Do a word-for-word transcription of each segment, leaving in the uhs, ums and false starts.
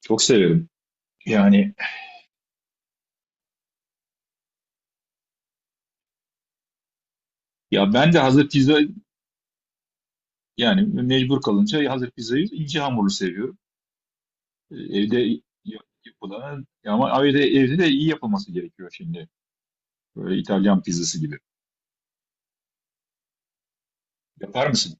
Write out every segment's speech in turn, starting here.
Çok severim. Yani ya ben de hazır pizza, yani mecbur kalınca hazır pizzayı ince hamurlu seviyorum. Ee, Evde yap- yapılan, ama evde, evde de iyi yapılması gerekiyor şimdi. Böyle İtalyan pizzası gibi. Yapar mısın?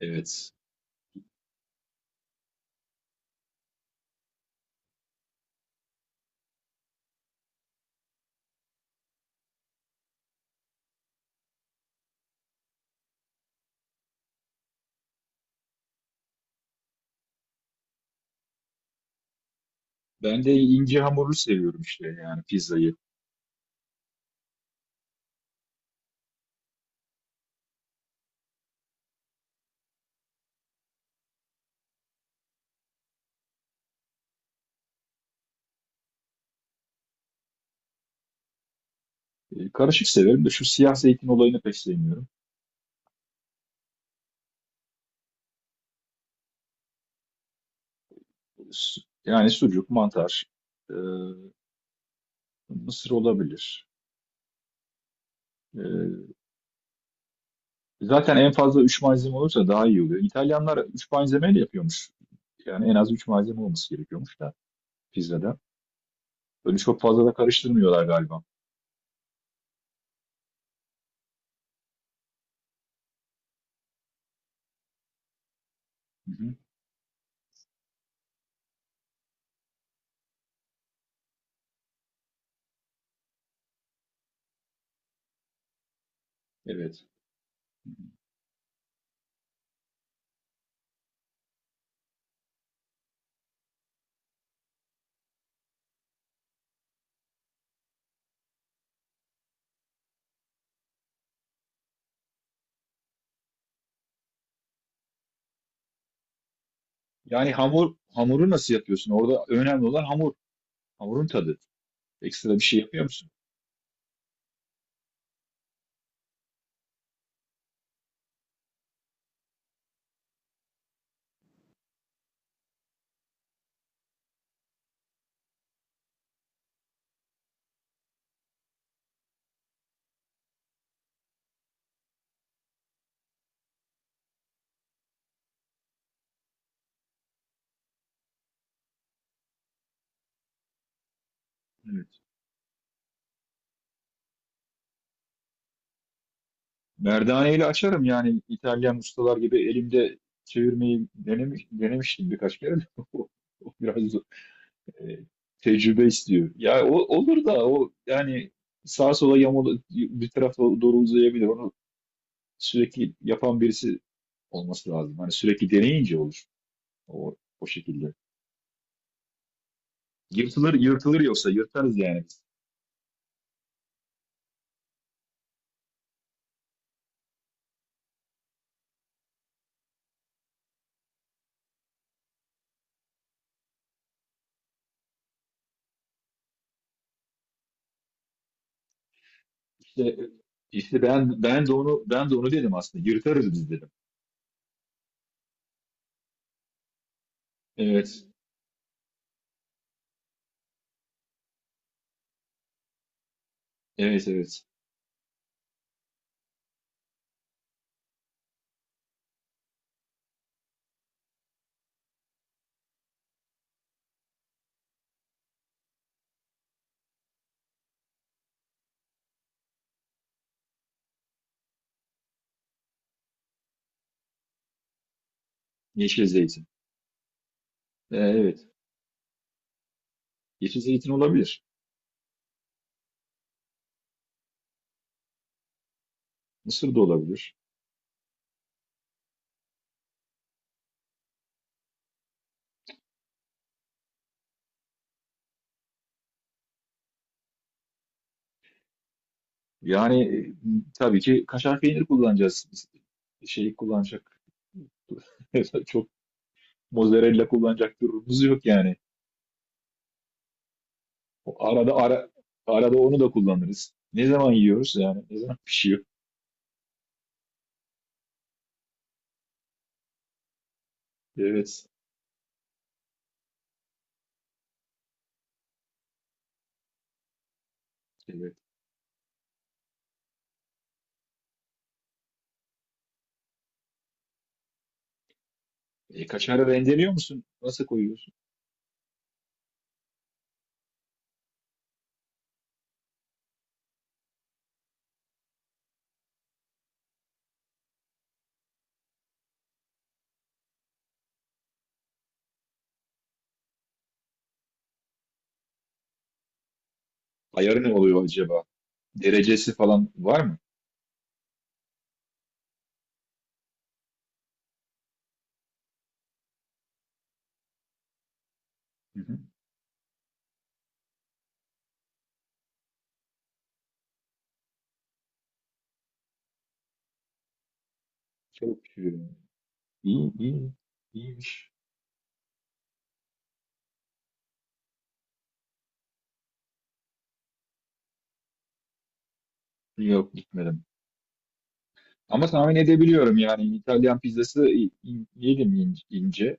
Evet. Ben de ince hamurlu seviyorum işte, yani pizzayı. Ee, karışık severim de şu siyah zeytin olayını pek sevmiyorum. Su- Yani sucuk, mantar, e, mısır olabilir. E, Zaten en fazla üç malzeme olursa daha iyi oluyor. İtalyanlar üç malzemeyle yapıyormuş. Yani en az üç malzeme olması gerekiyormuş da pizzada. Öyle çok fazla da karıştırmıyorlar galiba. Hı hı. Evet. Yani hamur hamuru nasıl yapıyorsun? Orada önemli olan hamur. Hamurun tadı. Ekstra bir şey yapıyor musun? Evet. Merdaneyle açarım, yani İtalyan ustalar gibi elimde çevirmeyi denemiş, denemiştim birkaç kere. De. O biraz E, tecrübe istiyor. Ya o olur da o, yani sağa sola yamalı bir tarafa doğru uzayabilir. Onu sürekli yapan birisi olması lazım. Hani sürekli deneyince olur. O, o şekilde. Yırtılır, yırtılır yoksa yırtarız yani biz. İşte, işte ben ben de onu, ben de onu dedim aslında. Yırtarız biz dedim. Evet. Evet, evet. Yeşil zeytin. Ee, evet. Yeşil zeytin olabilir. Mısır da olabilir. Yani e, tabii ki kaşar peyniri kullanacağız. Biz şeyi kullanacak. Çok mozzarella kullanacak durumumuz yok yani. O Arada ara, arada onu da kullanırız. Ne zaman yiyoruz yani? Ne zaman pişiyor? Evet. Evet. E, kaşarı rendeliyor musun? Nasıl koyuyorsun? Ayarı ne oluyor acaba? Derecesi falan var mı? Hı hı. Çok pişiriyor. İyi, iyi. İyiymiş. Yok, gitmedim. Ama tahmin edebiliyorum, yani İtalyan pizzası i- i- yedim, in- ince.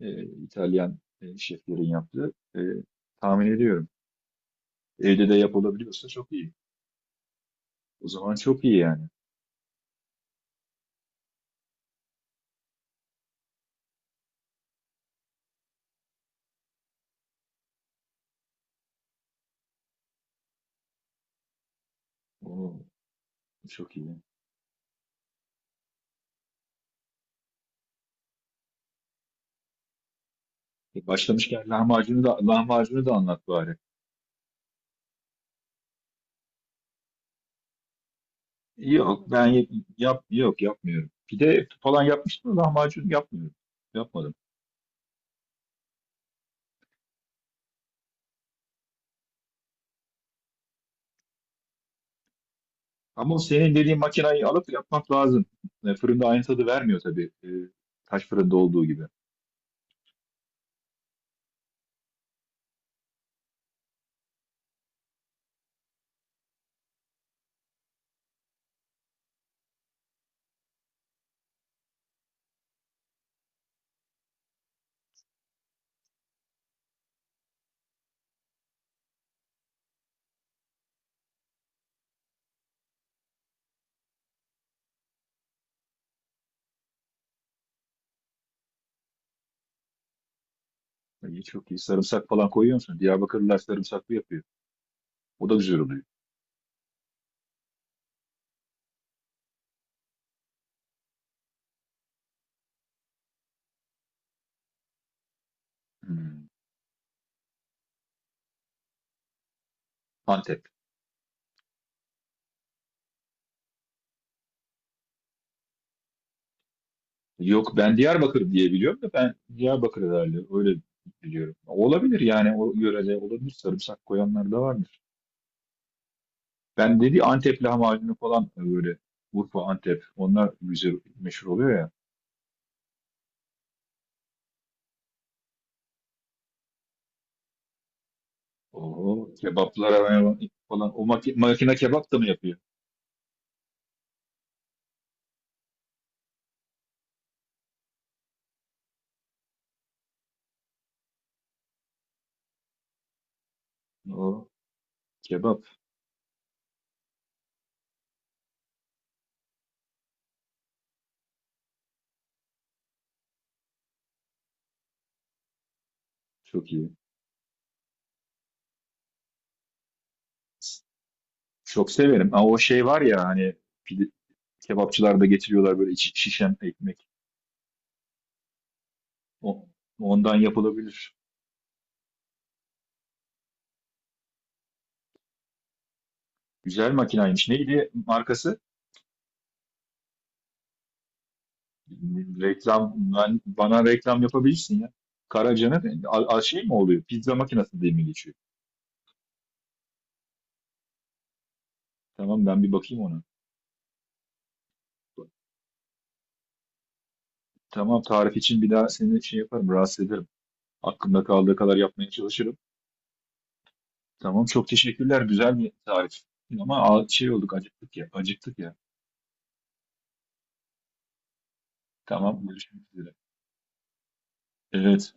E, İtalyan e, şeflerin yaptığı. E, tahmin ediyorum. Evde de yapılabiliyorsa çok iyi. O zaman çok iyi yani. Oo, çok iyi. E, Başlamışken lahmacunu da lahmacunu da anlat bari. Yok, ben yap, yap- yok, yapmıyorum. Pide falan yapmıştım da lahmacun yapmıyorum. Yapmadım. Ama senin dediğin makineyi alıp yapmak lazım. E, fırında aynı tadı vermiyor tabii. E, taş fırında olduğu gibi. E, çok iyi. Sarımsak falan koyuyor musun? Diyarbakırlılar sarımsaklı yapıyor. O da güzel oluyor. Hmm. Antep. Yok, ben Diyarbakır diye biliyorum, da ben Diyarbakır herhalde öyle biliyorum. Olabilir yani, o yörede olabilir. Sarımsak koyanlar da varmış. Ben dedi Antep lahmacunu falan e, böyle Urfa, Antep, onlar güzel meşhur oluyor ya. Oho, kebaplara falan, o maki- makine kebap da mı yapıyor? O kebap çok iyi. Çok severim. Ama o şey var ya, hani pide, kebapçılar da getiriyorlar böyle içi şişen ekmek. O, ondan yapılabilir. Güzel makinaymış. Neydi markası? Reklam, ben- bana reklam yapabilirsin ya. Karaca'nın a, a- şey mi oluyor? Pizza makinası diye mi geçiyor? Tamam, ben bir bakayım ona. Tamam, tarif için bir daha seni şey yaparım, rahatsız ederim. Aklımda kaldığı kadar yapmaya çalışırım. Tamam, çok teşekkürler. Güzel bir tarif. Ama a- şey olduk, acıktık ya. Acıktık ya. Tamam, görüşmek üzere. Evet.